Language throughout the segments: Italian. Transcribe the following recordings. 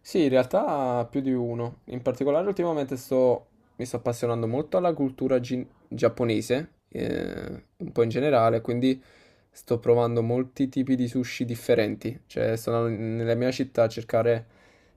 Sì, in realtà più di uno. In particolare ultimamente mi sto appassionando molto alla cultura giapponese, un po' in generale, quindi sto provando molti tipi di sushi differenti. Cioè, sono nella mia città a cercare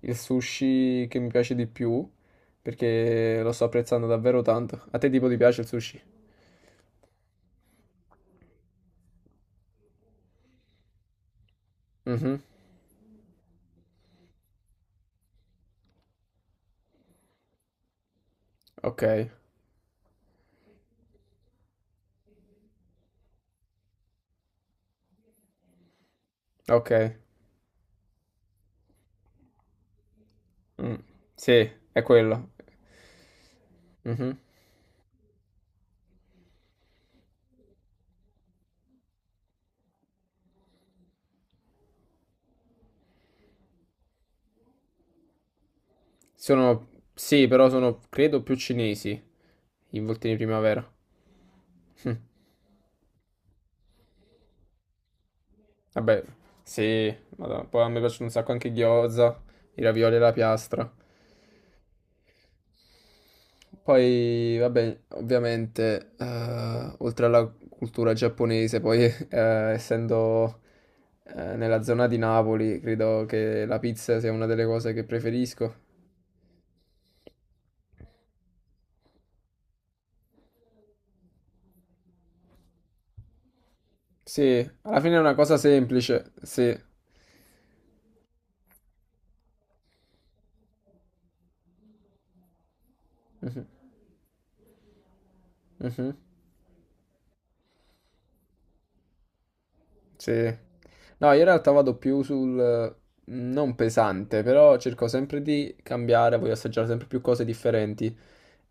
il sushi che mi piace di più, perché lo sto apprezzando davvero tanto. A te tipo ti piace il sushi? Mhm. Ok, ok. Mm. Sì, è quello. Mhm. Sono, sì, però sono, credo, più cinesi i voltini primavera. Hm. Vabbè, sì, madonna. Poi a me piacciono un sacco anche i gyoza, i ravioli alla piastra. Poi, vabbè, ovviamente, oltre alla cultura giapponese, poi, essendo, nella zona di Napoli, credo che la pizza sia una delle cose che preferisco. Sì, alla fine è una cosa semplice, sì. Mhm, mhm. Sì. No, io in realtà vado più sul non pesante, però cerco sempre di cambiare, voglio assaggiare sempre più cose differenti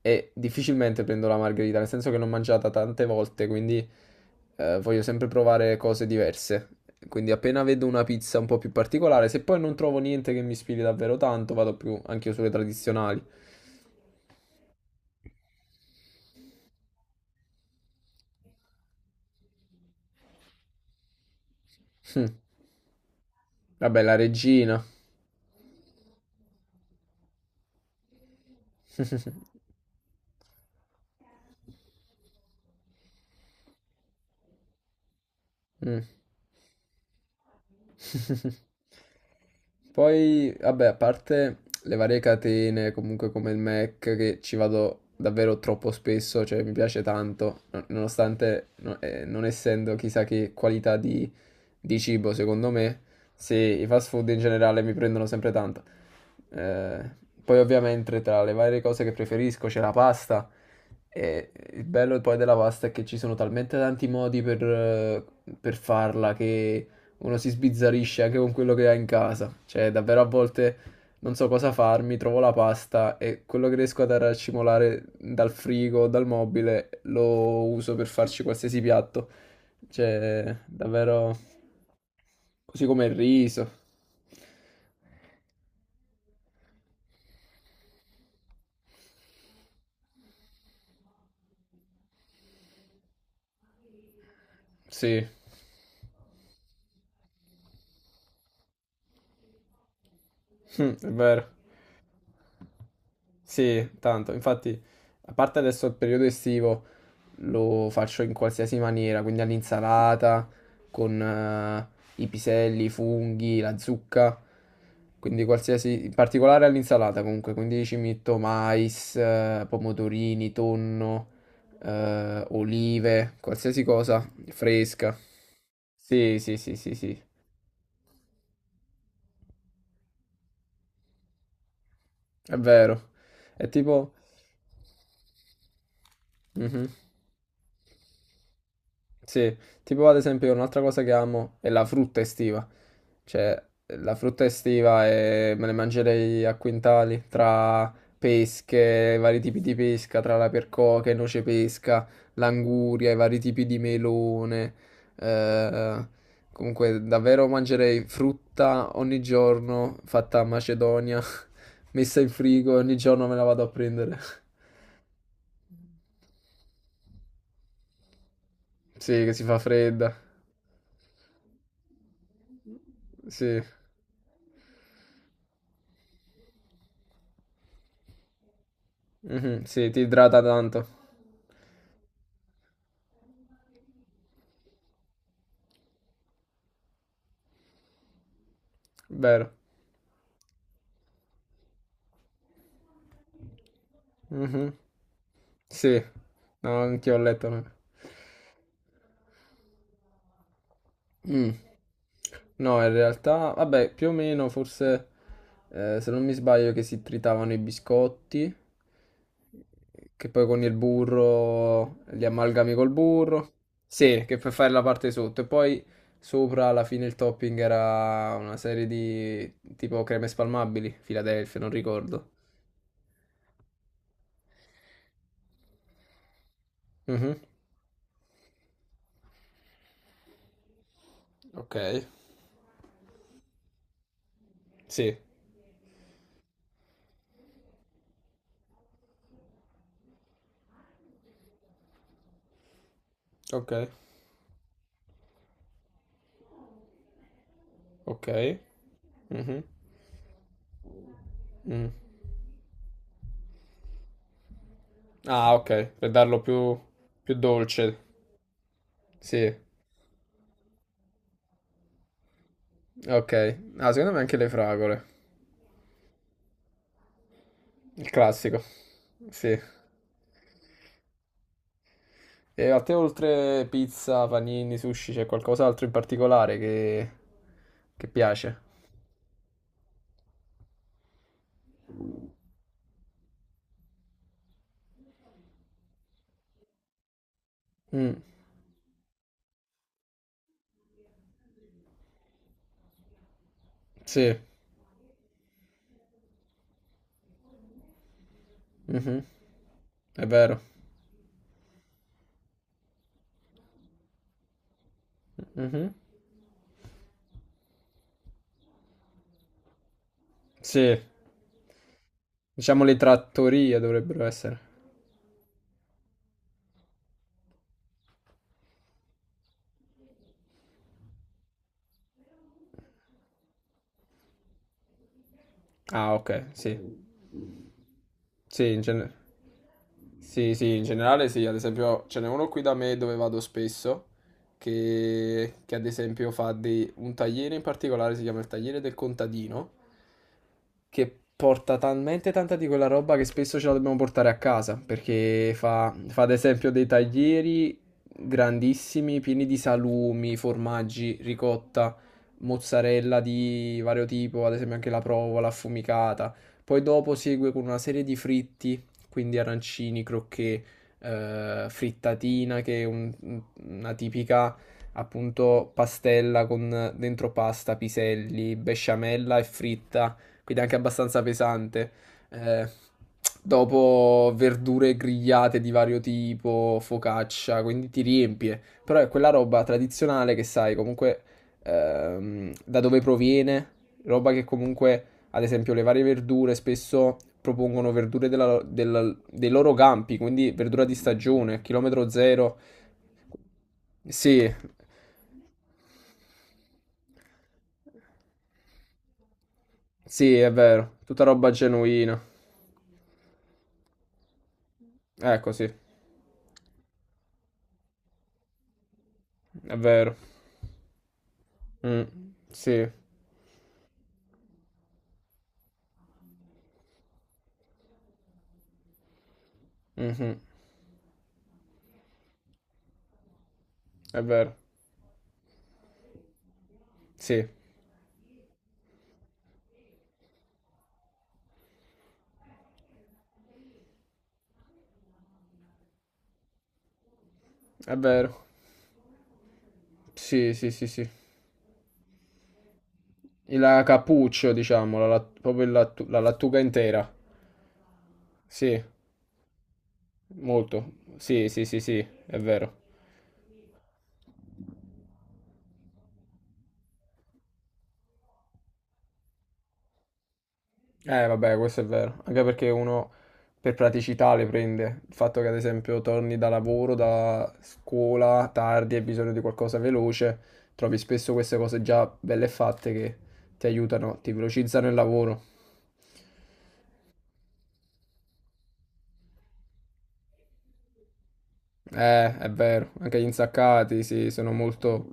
e difficilmente prendo la margherita, nel senso che l'ho mangiata tante volte, quindi voglio sempre provare cose diverse. Quindi appena vedo una pizza un po' più particolare, se poi non trovo niente che mi ispiri davvero tanto, vado più anche io sulle tradizionali. Hm. Vabbè, la regina. Mm. Poi, vabbè, a parte le varie catene, comunque come il Mac, che ci vado davvero troppo spesso, cioè mi piace tanto, nonostante non essendo chissà che qualità di cibo, secondo me, se i fast food in generale mi prendono sempre tanto. Eh, Poi ovviamente tra le varie cose che preferisco c'è la pasta e il bello poi della pasta è che ci sono talmente tanti modi per farla che uno si sbizzarrisce anche con quello che ha in casa. Cioè, davvero a volte non so cosa farmi, trovo la pasta e quello che riesco ad racimolare dal frigo o dal mobile lo uso per farci qualsiasi piatto. Cioè, davvero così come il riso. Sì, è vero. Sì, tanto. Infatti, a parte adesso il periodo estivo, lo faccio in qualsiasi maniera, quindi all'insalata, con i piselli, i funghi, la zucca, quindi qualsiasi, in particolare all'insalata comunque, quindi ci metto mais, pomodorini, tonno, olive, qualsiasi cosa fresca. Sì, sì, sì, sì, sì, è vero. È tipo... Mhm. Sì, tipo ad esempio un'altra cosa che amo è la frutta estiva. Cioè, la frutta estiva me ne mangerei a quintali tra pesche, vari tipi di pesca, tra la percoca e noce pesca, l'anguria, i vari tipi di melone. eh, Comunque, davvero mangerei frutta ogni giorno fatta a Macedonia, messa in frigo, ogni giorno me la vado a prendere. Sì, che si fa fredda. Sì, mhm, sì, ti idrata tanto. Vero. Mhm. Sì, no, anche ho letto. No. Mm. No, in realtà, vabbè, più o meno, forse, se non mi sbaglio, che si tritavano i biscotti, che poi con il burro li amalgami col burro. Sì, che per fare la parte sotto. E poi sopra, alla fine, il topping era una serie di tipo creme spalmabili, Philadelphia, non ricordo. Mhm. Ok. Sì. Ok, ok. Mhm. Mm. Ah, ok, per darlo più, più dolce. Sì, ok. Ah, secondo me anche le fragole. Il classico. Sì. E a te oltre pizza, panini, sushi, c'è qualcos'altro in particolare che piace? Mm. Sì. Mhm. È vero. Mhm. Sì. Diciamo le trattorie dovrebbero essere. Ah, ok, sì. Sì, in genere. Sì, sì, in generale sì, ad esempio ce n'è uno qui da me dove vado spesso, che ad esempio fa un tagliere in particolare, si chiama il tagliere del contadino, che porta talmente tanta di quella roba che spesso ce la dobbiamo portare a casa, perché fa ad esempio dei taglieri grandissimi, pieni di salumi, formaggi, ricotta, mozzarella di vario tipo, ad esempio anche la provola affumicata. Poi dopo segue con una serie di fritti quindi arancini, crocchè, frittatina, che è una tipica appunto pastella con dentro pasta, piselli, besciamella e fritta, quindi anche abbastanza pesante. Eh, Dopo verdure grigliate di vario tipo, focaccia, quindi ti riempie. Però è quella roba tradizionale che sai comunque da dove proviene, roba che comunque ad esempio le varie verdure spesso propongono verdure dei loro campi, quindi verdura di stagione, chilometro zero. Sì, sì, è vero, tutta roba genuina. Ecco, sì, è vero. Mm, sì, mhm, è vero, sì, è vero. Sì, sì, sì, sì. La cappuccio, diciamo, proprio la lattuga intera. Sì. Molto. Sì, sì, sì, sì, è vero. Vabbè, questo è vero. Anche perché uno per praticità le prende. Il fatto che, ad esempio, torni da lavoro, da scuola tardi, e hai bisogno di qualcosa veloce, trovi spesso queste cose già belle fatte che ti aiutano, ti velocizzano il lavoro. È vero. Anche gli insaccati, sì, sono molto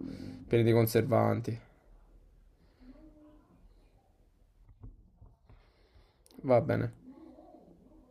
pieni di conservanti. Va bene.